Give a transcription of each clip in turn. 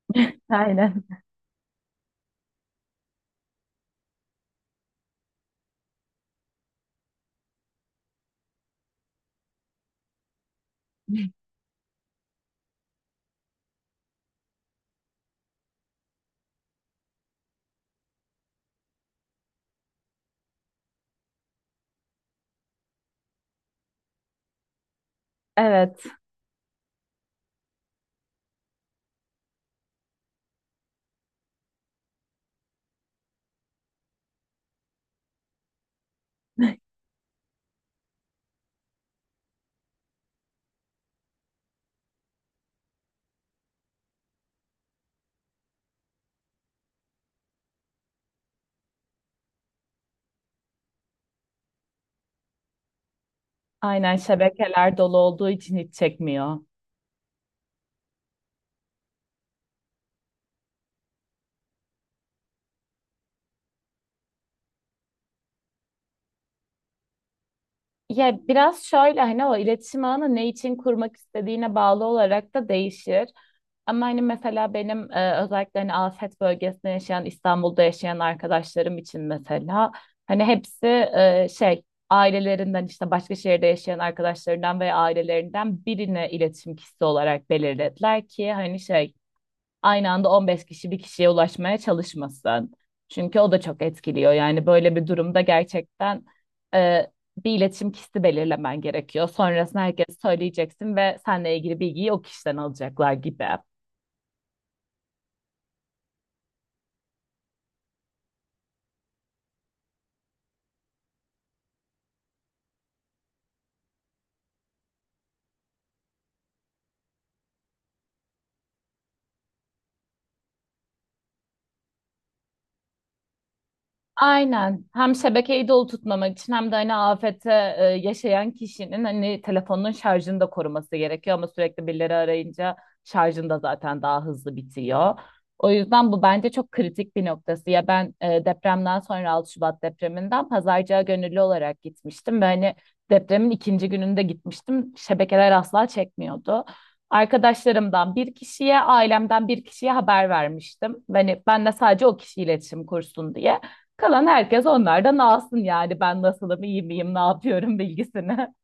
Aynen. Evet. Aynen, şebekeler dolu olduğu için hiç çekmiyor. Ya biraz şöyle hani o iletişim ağını ne için kurmak istediğine bağlı olarak da değişir. Ama hani mesela benim özellikle hani afet bölgesinde yaşayan, İstanbul'da yaşayan arkadaşlarım için mesela hani hepsi şey ailelerinden işte başka şehirde yaşayan arkadaşlarından veya ailelerinden birine iletişim kişisi olarak belirlediler ki hani şey aynı anda 15 kişi bir kişiye ulaşmaya çalışmasın. Çünkü o da çok etkiliyor. Yani böyle bir durumda gerçekten e, bir iletişim kişisi belirlemen gerekiyor. Sonrasında herkes söyleyeceksin ve seninle ilgili bilgiyi o kişiden alacaklar gibi. Aynen. Hem şebekeyi dolu tutmamak için hem de hani afete yaşayan kişinin hani telefonun şarjını da koruması gerekiyor ama sürekli birileri arayınca şarjın da zaten daha hızlı bitiyor. O yüzden bu bence çok kritik bir noktası. Ya ben depremden sonra 6 Şubat depreminden pazarcığa gönüllü olarak gitmiştim ve hani depremin ikinci gününde gitmiştim. Şebekeler asla çekmiyordu. Arkadaşlarımdan bir kişiye, ailemden bir kişiye haber vermiştim. Hani ben de sadece o kişi iletişim kursun diye. Kalan herkes onlardan alsın yani ben nasılım, iyi miyim, ne yapıyorum bilgisini.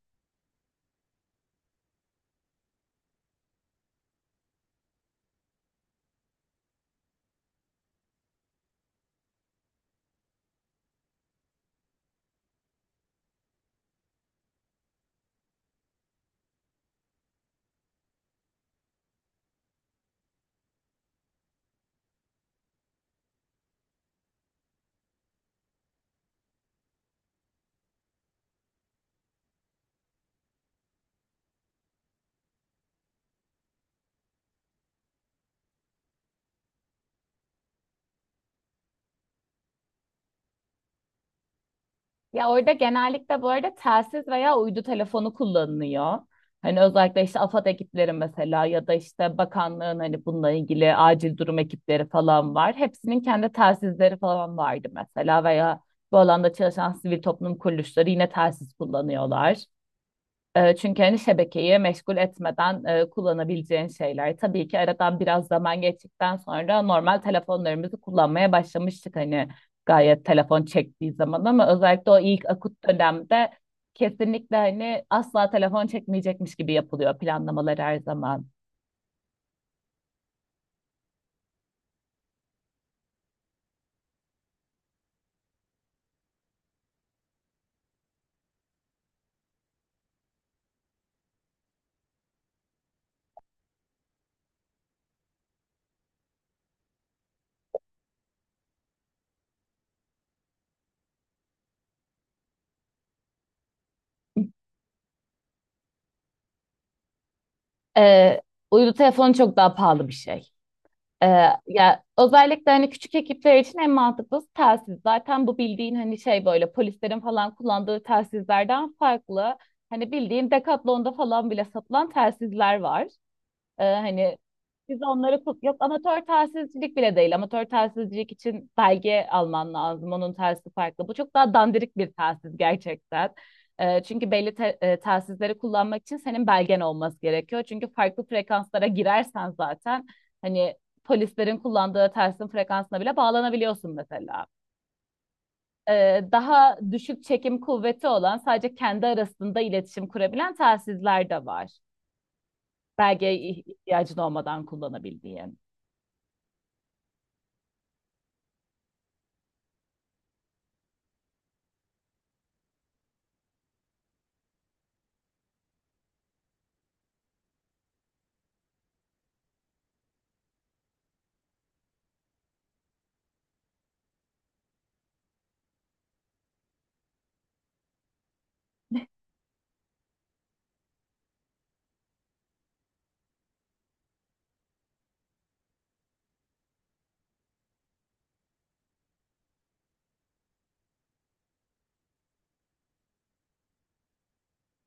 Ya orada genellikle bu arada telsiz veya uydu telefonu kullanılıyor. Hani özellikle işte AFAD ekipleri mesela ya da işte bakanlığın hani bununla ilgili acil durum ekipleri falan var. Hepsinin kendi telsizleri falan vardı mesela veya bu alanda çalışan sivil toplum kuruluşları yine telsiz kullanıyorlar. Çünkü hani şebekeyi meşgul etmeden kullanabileceğin şeyler. Tabii ki aradan biraz zaman geçtikten sonra normal telefonlarımızı kullanmaya başlamıştık hani gayet telefon çektiği zaman ama özellikle o ilk akut dönemde kesinlikle hani asla telefon çekmeyecekmiş gibi yapılıyor planlamalar her zaman. E, Uydu telefonu çok daha pahalı bir şey. Ya özellikle hani küçük ekipler için en mantıklısı telsiz. Zaten bu bildiğin hani şey böyle polislerin falan kullandığı telsizlerden farklı. Hani bildiğin Decathlon'da falan bile satılan telsizler var. Hani biz onları tut yok, amatör telsizcilik bile değil. Amatör telsizcilik için belge alman lazım. Onun telsizi farklı. Bu çok daha dandirik bir telsiz gerçekten. Çünkü belli telsizleri kullanmak için senin belgen olması gerekiyor. Çünkü farklı frekanslara girersen zaten hani polislerin kullandığı telsin frekansına bile bağlanabiliyorsun mesela. Daha düşük çekim kuvveti olan sadece kendi arasında iletişim kurabilen telsizler de var. Belgeye ihtiyacın olmadan kullanabildiğin.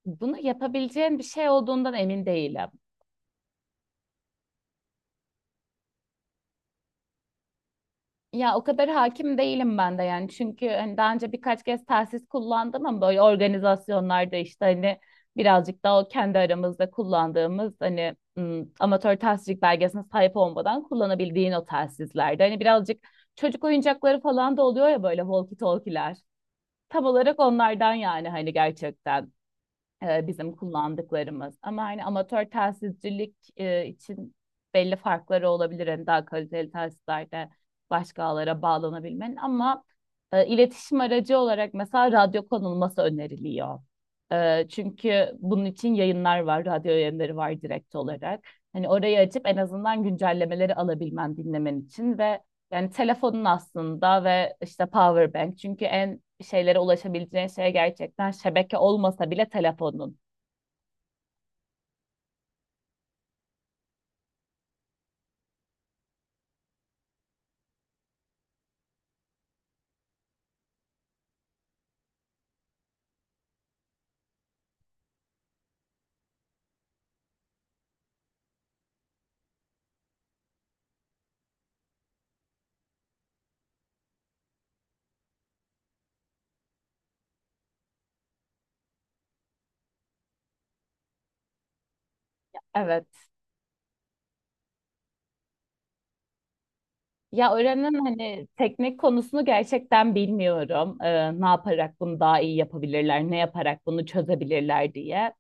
Bunu yapabileceğin bir şey olduğundan emin değilim. Ya o kadar hakim değilim ben de yani. Çünkü hani daha önce birkaç kez telsiz kullandım ama böyle organizasyonlarda işte hani birazcık daha o kendi aramızda kullandığımız hani amatör telsizcilik belgesine sahip olmadan kullanabildiğin o telsizlerde. Hani birazcık çocuk oyuncakları falan da oluyor ya böyle walkie talkie'ler. Tam olarak onlardan yani hani gerçekten. Bizim kullandıklarımız. Ama hani amatör telsizcilik için belli farkları olabilir. Hani daha kaliteli telsizlerde başka ağlara bağlanabilmenin ama iletişim aracı olarak mesela radyo konulması öneriliyor. Çünkü bunun için yayınlar var, radyo yayınları var direkt olarak. Hani orayı açıp en azından güncellemeleri alabilmen, dinlemen için ve yani telefonun aslında ve işte power bank. Çünkü en şeylere ulaşabileceğin şey gerçekten şebeke olmasa bile telefonun. Evet. Ya öğrenin hani teknik konusunu gerçekten bilmiyorum. Ne yaparak bunu daha iyi yapabilirler, ne yaparak bunu çözebilirler diye.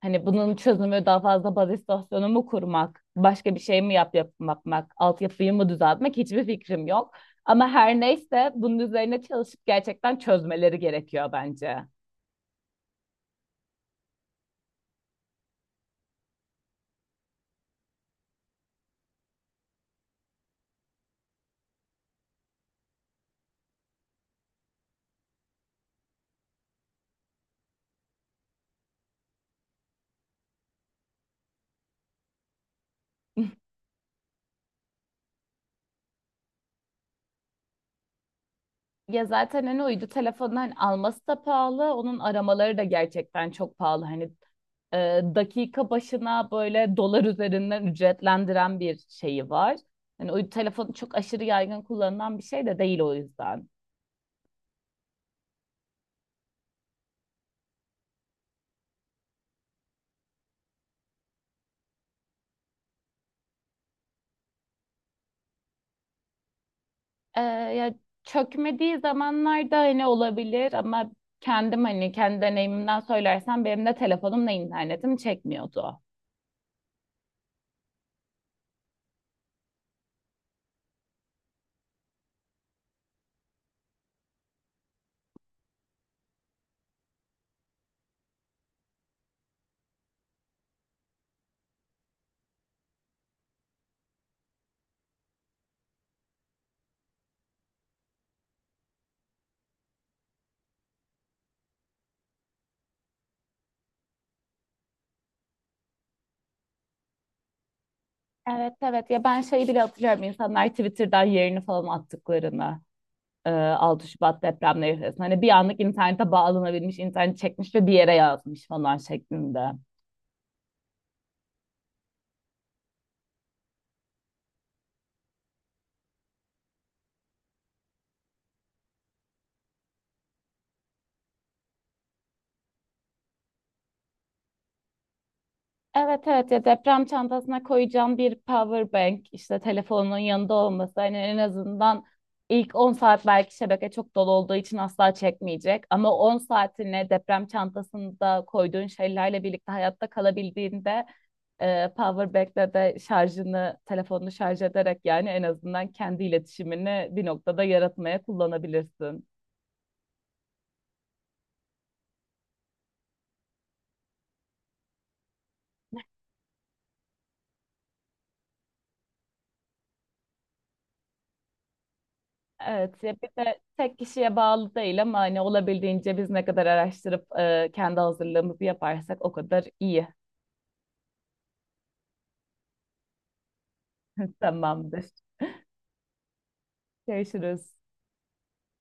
Hani bunun çözümü daha fazla baz istasyonu mu kurmak, başka bir şey mi yapmak, altyapıyı mı düzeltmek hiçbir fikrim yok. Ama her neyse bunun üzerine çalışıp gerçekten çözmeleri gerekiyor bence. Ya zaten hani uydu telefonunu hani alması da pahalı. Onun aramaları da gerçekten çok pahalı. Hani e, dakika başına böyle dolar üzerinden ücretlendiren bir şeyi var. Hani uydu telefonu çok aşırı yaygın kullanılan bir şey de değil o yüzden. Ya çökmediği zamanlarda hani olabilir ama kendim hani kendi deneyimimden söylersem benim de telefonumla internetim çekmiyordu. Evet, evet, ya ben şeyi bile hatırlıyorum insanlar Twitter'dan yerini falan attıklarını 6 Şubat depremleri sırasında hani bir anlık internete bağlanabilmiş internet çekmiş ve bir yere yazmış falan şeklinde. Evet, evet, ya deprem çantasına koyacağın bir power bank işte telefonun yanında olması hani en azından ilk 10 saat belki şebeke çok dolu olduğu için asla çekmeyecek ama 10 saatine deprem çantasında koyduğun şeylerle birlikte hayatta kalabildiğinde power bank'le de şarjını telefonunu şarj ederek yani en azından kendi iletişimini bir noktada yaratmaya kullanabilirsin. Evet, ya bir de tek kişiye bağlı değil ama hani olabildiğince biz ne kadar araştırıp kendi hazırlığımızı yaparsak o kadar iyi. Tamamdır. Görüşürüz.